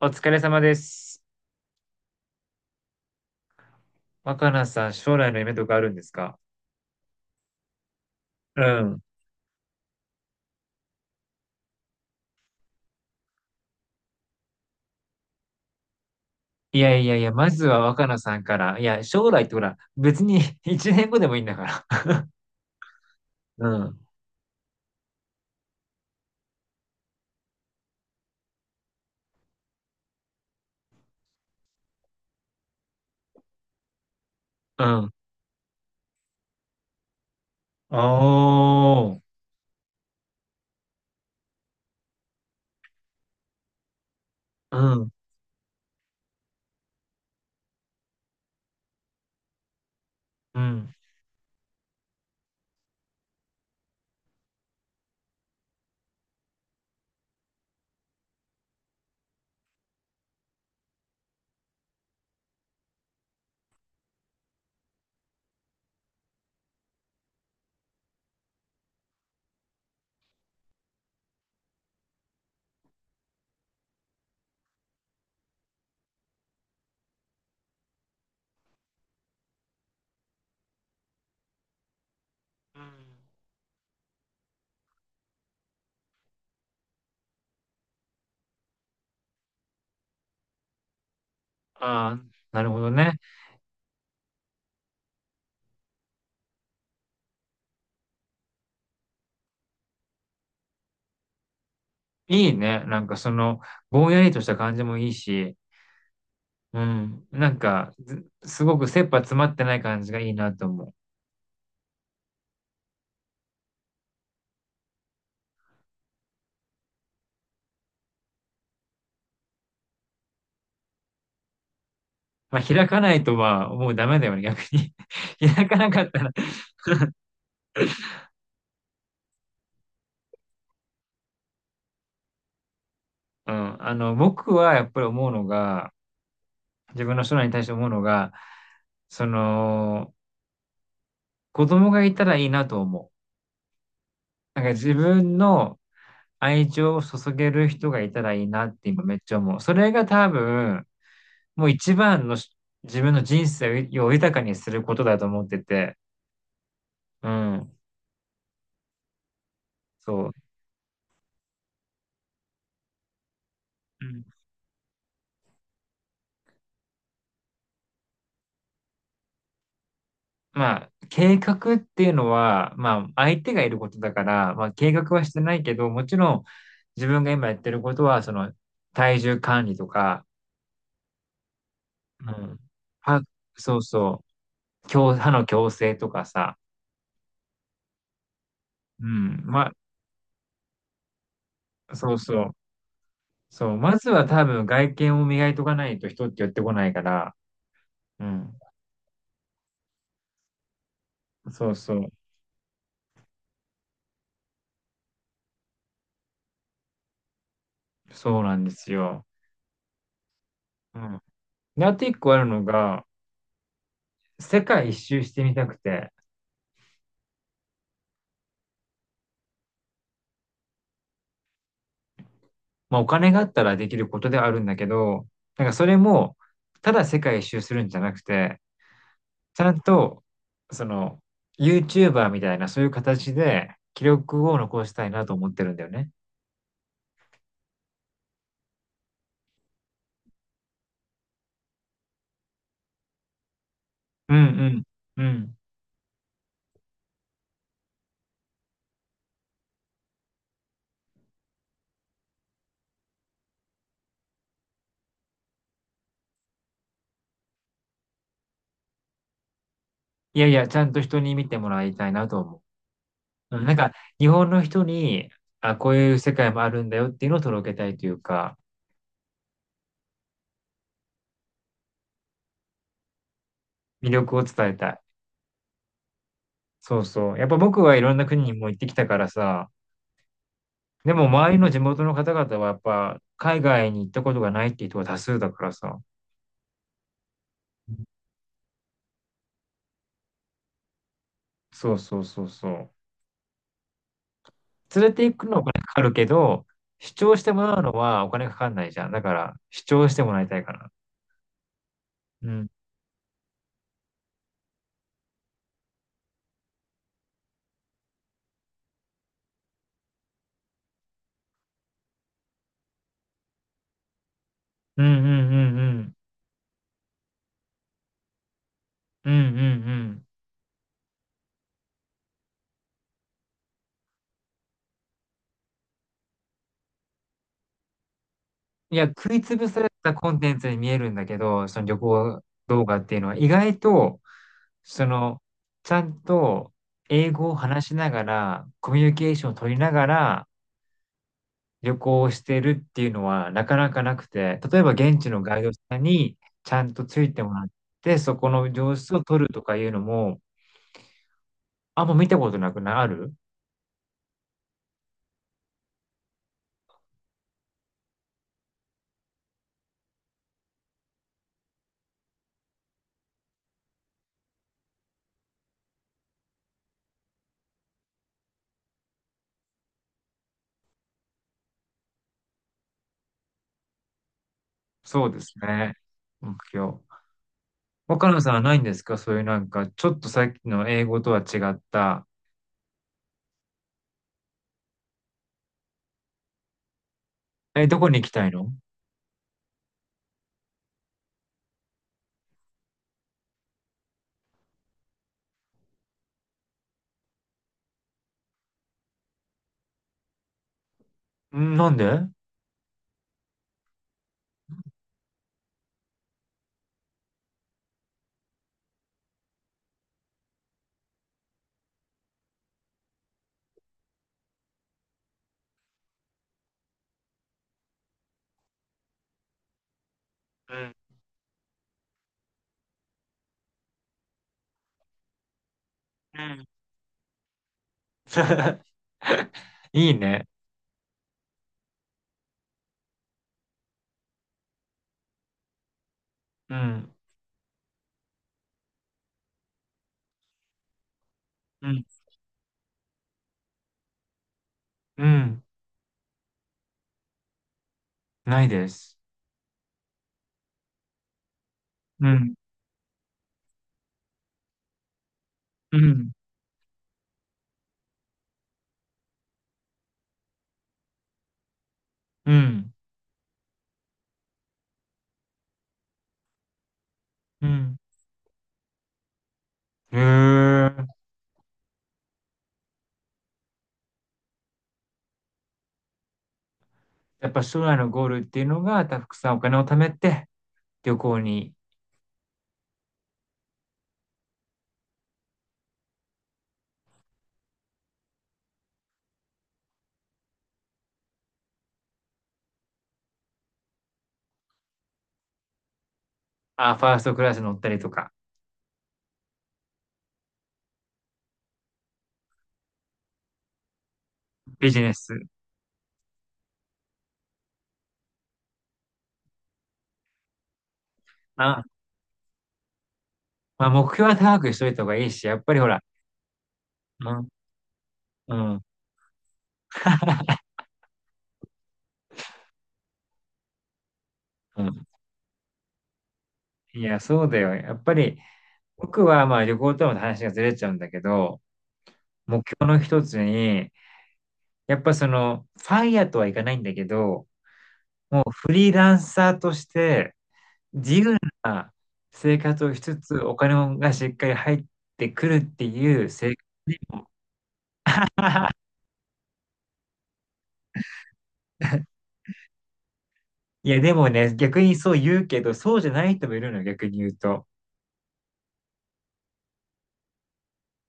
お疲れ様です。若菜さん、将来の夢とかあるんですか？うん。いやいやいや、まずは若菜さんから。いや、将来ってほら、別に 1年後でもいいんだから。うん。うん。おー。うん。うん。ああ、なるほどね。いいね。なんかその、ぼんやりとした感じもいいし、うん。なんか、ずすごく切羽詰まってない感じがいいなと思う。まあ、開かないとはもうダメだよね、逆に。開かなかったら。うん。あの、僕はやっぱり思うのが、自分の将来に対して思うのが、その、子供がいたらいいなと思う。なんか自分の愛情を注げる人がいたらいいなって今めっちゃ思う。それが多分、もう一番の自分の人生を豊かにすることだと思ってて、うん、そう。うん。まあ、計画っていうのは、まあ、相手がいることだから、まあ、計画はしてないけど、もちろん自分が今やってることは、その、体重管理とか、うん。歯、そうそう。矯歯の矯正とかさ。うん。ま、そうそう。そう。まずは多分外見を磨いとかないと人って寄ってこないから。うん。そうそう。そうなんですよ。うん。で、あと一個あるのが、世界一周してみたくて。まあお金があったらできることではあるんだけど、なんかそれも、ただ世界一周するんじゃなくて、ちゃんと、その、YouTuber みたいなそういう形で記録を残したいなと思ってるんだよね。うんうん。うん。いやいや、ちゃんと人に見てもらいたいなと思う。うん、なんか、日本の人に、あ、こういう世界もあるんだよっていうのを届けたいというか、魅力を伝えたい。そうそう。やっぱ僕はいろんな国にも行ってきたからさ、でも周りの地元の方々はやっぱ海外に行ったことがないっていう人が多数だからさ。うん。そうそうそうそう。連れて行くのはお金かかるけど、主張してもらうのはお金かかんないじゃん。だから、主張してもらいたいかな。うん。うんうんうんうん。うんうんうん。いや、食いつぶされたコンテンツに見えるんだけど、その旅行動画っていうのは意外と、その、ちゃんと英語を話しながら、コミュニケーションを取りながら旅行をしてるっていうのはなかなかなくて、例えば現地のガイドさんにちゃんとついてもらって、そこの様子を撮るとかいうのも、あんま見たことなくなる。そうですね。目標。若菜さんはないんですか？そういうなんか、ちょっとさっきの英語とは違った、え、どこに行きたいの？なんで？うん。うん。いいね。うん。うん。うん。ないです。うん。うん。うん。うん。へえ。やっぱ将来のゴールっていうのが、たくさんお金を貯めて、旅行に、あ、ファーストクラス乗ったりとか、ビジネス。あ、まあ、目標は高くしといた方がいいし、やっぱりほら、うん。うん。うん。いや、そうだよ。やっぱり、僕はまあ旅行との話がずれちゃうんだけど、目標の一つに、やっぱその、ファイヤーとはいかないんだけど、もうフリーランサーとして自由な生活をしつつ、お金がしっかり入ってくるっていう生活でも、いやでもね、逆にそう言うけど、そうじゃない人もいるのよ、逆に言うと。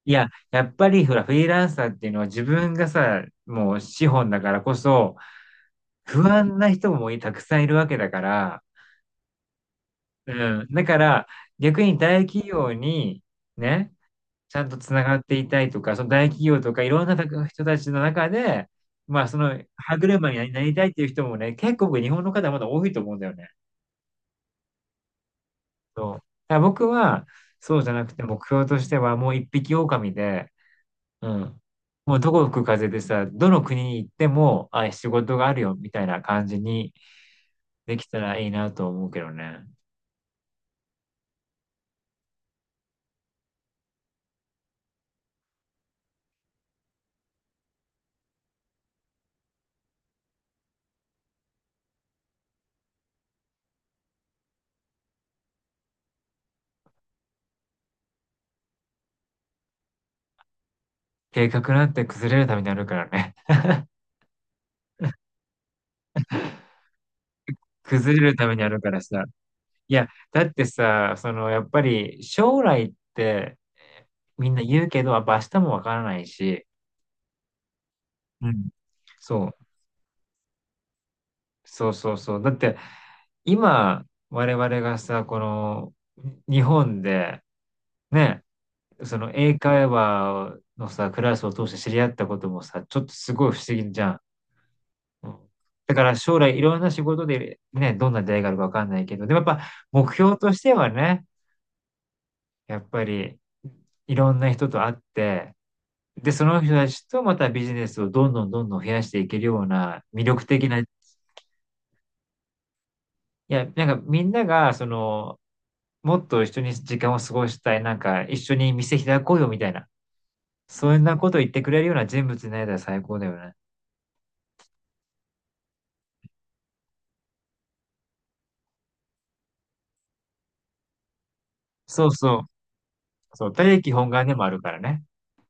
いや、やっぱりほら、フリーランサーっていうのは自分がさ、もう資本だからこそ、不安な人もたくさんいるわけだから、うん。だから、逆に大企業に、ね、ちゃんとつながっていたいとか、その大企業とかいろんな人たちの中で、まあその歯車になりたいっていう人もね、結構僕日本の方まだ多いと思うんだよね。そう。だから僕はそうじゃなくて目標としてはもう一匹狼で、うん。もうどこ吹く風でさ、どの国に行っても、あ、仕事があるよみたいな感じにできたらいいなと思うけどね。計画なんて崩れるためにあるからね。崩れるためにあるからさ。いや、だってさ、そのやっぱり将来って、みんな言うけど、やっぱ明日もわからないし、うん。そう、そうそうそう。だって、今、我々がさ、この、日本で、ね、その英会話のさ、クラスを通して知り合ったこともさ、ちょっとすごい不思議じゃん。うん。だから将来いろんな仕事でね、どんな出会いがあるかわかんないけど、でもやっぱ目標としてはね、やっぱりいろんな人と会って、で、その人たちとまたビジネスをどんどんどんどん増やしていけるような魅力的な、いや、なんかみんなが、その、もっと一緒に時間を過ごしたい、なんか一緒に店開こうよみたいな、そんなことを言ってくれるような人物になれたら最高だよね。そうそう。そう、他力本願でもあるからね。